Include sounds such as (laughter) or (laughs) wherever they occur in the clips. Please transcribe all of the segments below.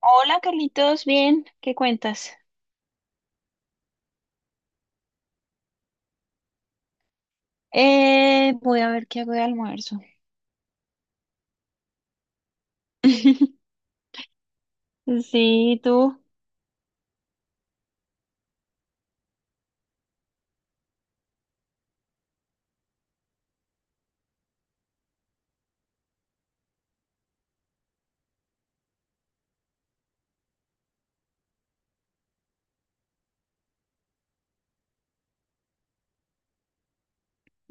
Hola Carlitos, bien, ¿qué cuentas? Voy a ver qué hago de almuerzo. (laughs) Sí, tú.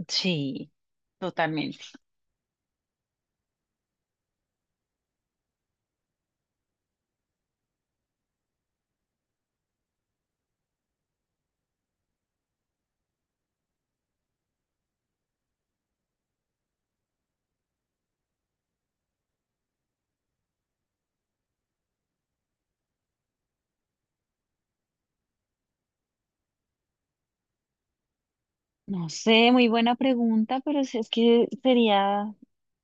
Sí, totalmente. No sé, muy buena pregunta, pero si es que sería,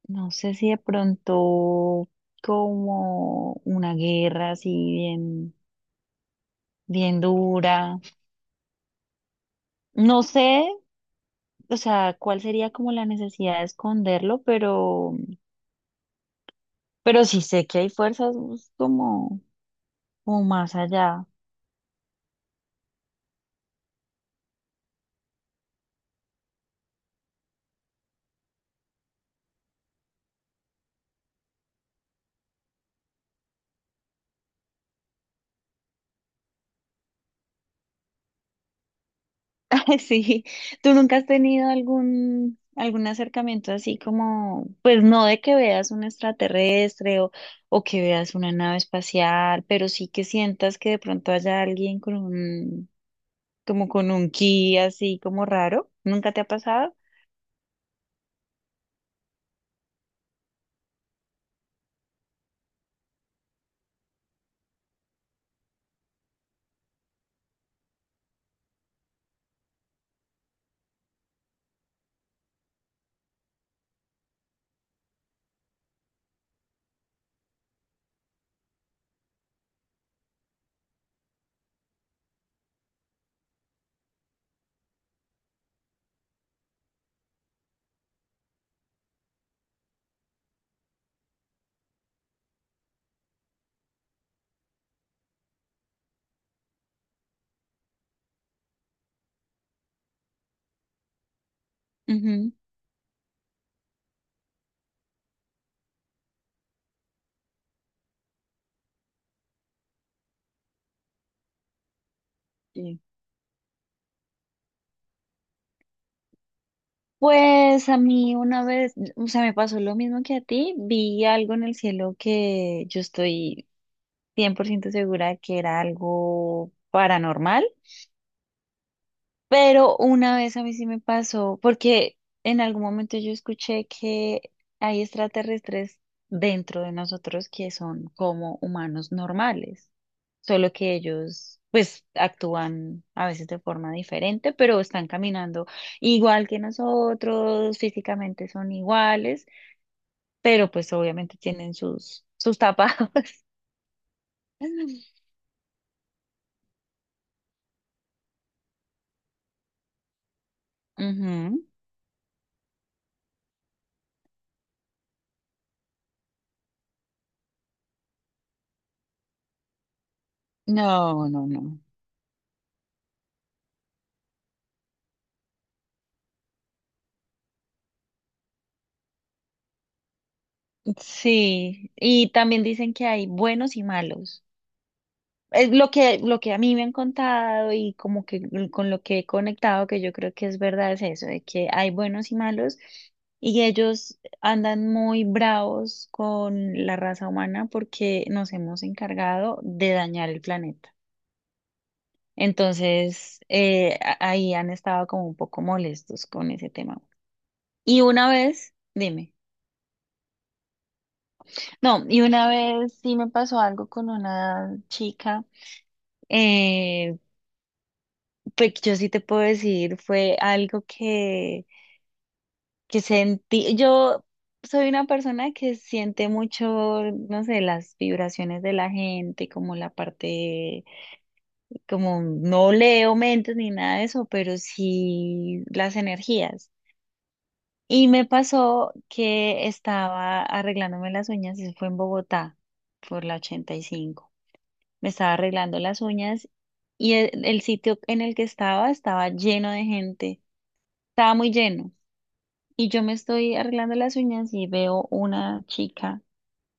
no sé si de pronto como una guerra así bien, bien dura. No sé, o sea, cuál sería como la necesidad de esconderlo, pero sí sé que hay fuerzas pues, como, como más allá. (laughs) Sí, ¿tú nunca has tenido algún acercamiento así como, pues no de que veas un extraterrestre o que veas una nave espacial, pero sí que sientas que de pronto haya alguien con un, como con un ki así como raro? ¿Nunca te ha pasado? Ujú. Sí. Pues a mí una vez, o sea, me pasó lo mismo que a ti, vi algo en el cielo que yo estoy 100% segura que era algo paranormal. Pero una vez a mí sí me pasó, porque en algún momento yo escuché que hay extraterrestres dentro de nosotros que son como humanos normales, solo que ellos pues actúan a veces de forma diferente, pero están caminando igual que nosotros, físicamente son iguales, pero pues obviamente tienen sus tapados. (laughs) Ujú. No, no, no. Sí, y también dicen que hay buenos y malos. Es lo que a mí me han contado y como que con lo que he conectado, que yo creo que es verdad, es eso, de que hay buenos y malos y ellos andan muy bravos con la raza humana porque nos hemos encargado de dañar el planeta. Entonces, ahí han estado como un poco molestos con ese tema. Y una vez, dime, no, y una vez sí me pasó algo con una chica. Eh, Pues yo sí te puedo decir, fue algo que sentí. Yo soy una persona que siente mucho, no sé, las vibraciones de la gente, como la parte, como no leo mentes ni nada de eso, pero sí las energías. Y me pasó que estaba arreglándome las uñas, eso fue en Bogotá, por la 85. Me estaba arreglando las uñas y el sitio en el que estaba estaba lleno de gente, estaba muy lleno. Y yo me estoy arreglando las uñas y veo una chica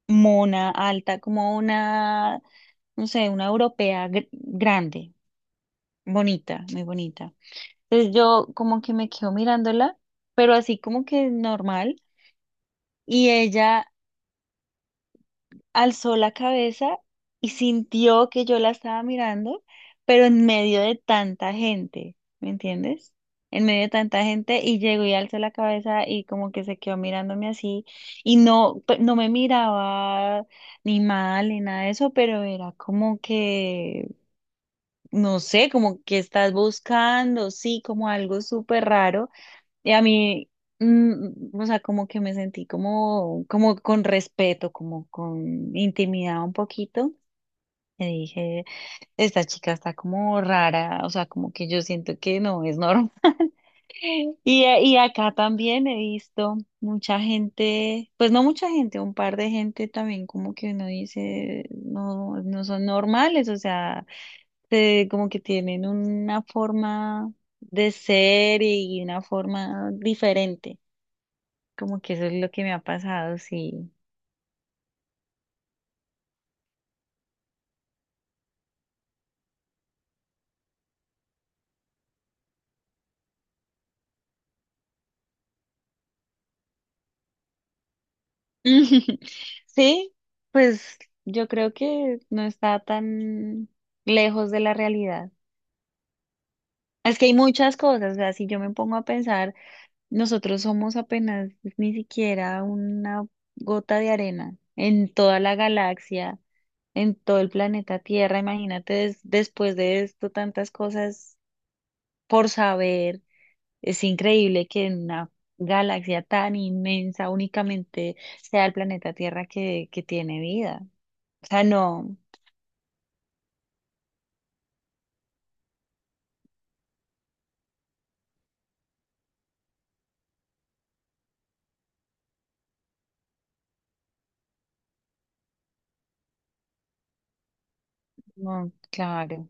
mona, alta, como una, no sé, una europea grande, bonita, muy bonita. Entonces yo como que me quedo mirándola, pero así como que normal. Y ella alzó la cabeza y sintió que yo la estaba mirando, pero en medio de tanta gente, ¿me entiendes? En medio de tanta gente y llegó y alzó la cabeza y como que se quedó mirándome así y no, no me miraba ni mal ni nada de eso, pero era como que, no sé, como que estás buscando, sí, como algo súper raro. Y a mí, o sea, como que me sentí como, como con respeto, como con intimidad un poquito. Y dije, esta chica está como rara, o sea, como que yo siento que no es normal. (laughs) Y, y acá también he visto mucha gente, pues no mucha gente, un par de gente también como que uno dice, no, no son normales, o sea, como que tienen una forma de ser y una forma diferente. Como que eso es lo que me ha pasado, sí. (laughs) Sí, pues yo creo que no está tan lejos de la realidad. Es que hay muchas cosas, o sea, si yo me pongo a pensar, nosotros somos apenas ni siquiera una gota de arena en toda la galaxia, en todo el planeta Tierra. Imagínate después de esto tantas cosas por saber. Es increíble que en una galaxia tan inmensa únicamente sea el planeta Tierra que tiene vida. O sea, no, no, claro.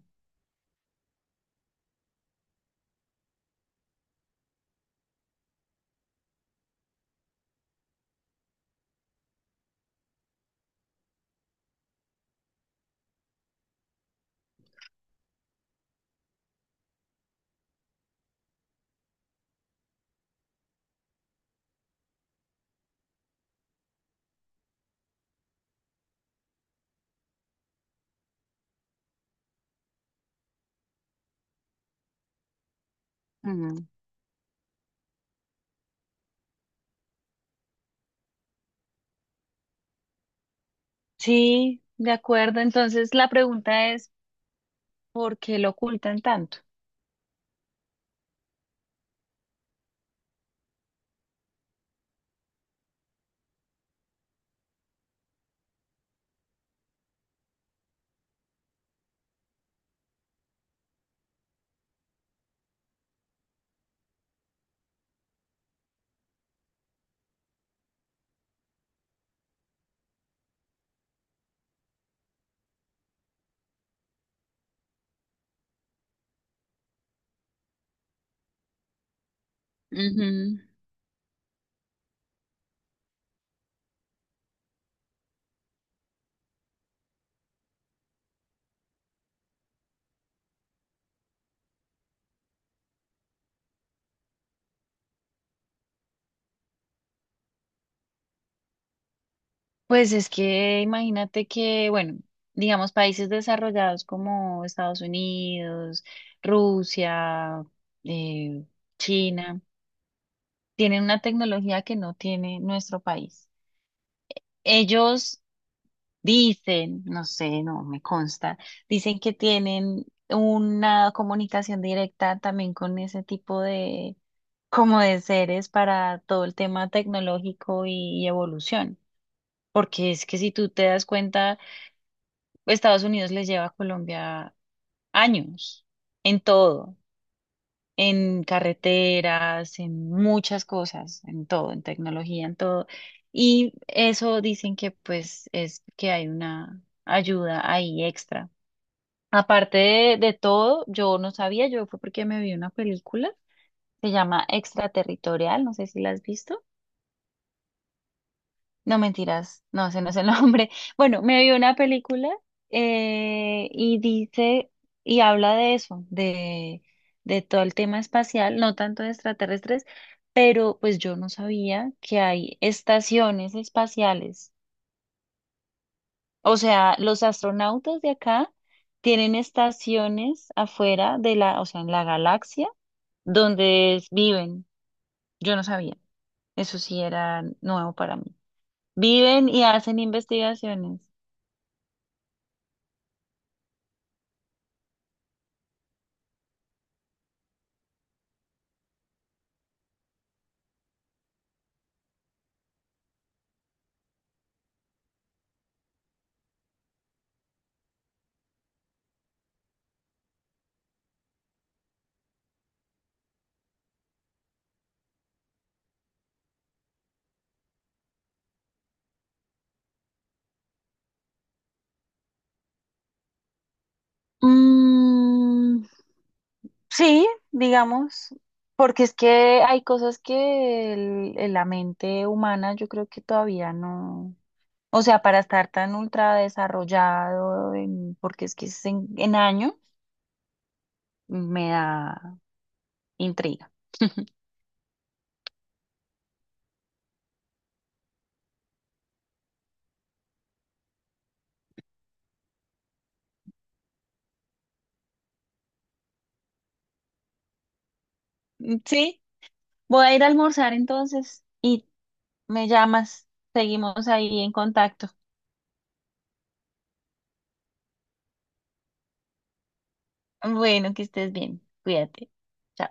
Mm. Sí, de acuerdo. Entonces la pregunta es, ¿por qué lo ocultan tanto? Ujú. Pues es que imagínate que, bueno, digamos, países desarrollados como Estados Unidos, Rusia, eh, China, tienen una tecnología que no tiene nuestro país. Ellos dicen, no sé, no me consta, dicen que tienen una comunicación directa también con ese tipo de, como de seres para todo el tema tecnológico y evolución. Porque es que si tú te das cuenta, Estados Unidos les lleva a Colombia años en todo. En carreteras, en muchas cosas, en todo, en tecnología, en todo. Y eso dicen que pues es que hay una ayuda ahí extra. Aparte de todo, yo no sabía, yo fue porque me vi una película, se llama Extraterritorial, no sé si la has visto. No mentiras, no, ese no es el nombre. (laughs) Bueno, me vi una película eh, y dice y habla de eso, de todo el tema espacial, no tanto de extraterrestres, pero pues yo no sabía que hay estaciones espaciales. O sea, los astronautas de acá tienen estaciones afuera de la, o sea, en la galaxia donde viven. Yo no sabía. Eso sí era nuevo para mí. Viven y hacen investigaciones. Mm, sí, digamos, porque es que hay cosas que la mente humana yo creo que todavía no, o sea, para estar tan ultra desarrollado, porque es que es en año, me da intriga. (laughs) Mm, sí, voy a ir a almorzar entonces y me llamas, seguimos ahí en contacto. Bueno, que estés bien, cuídate. Chao.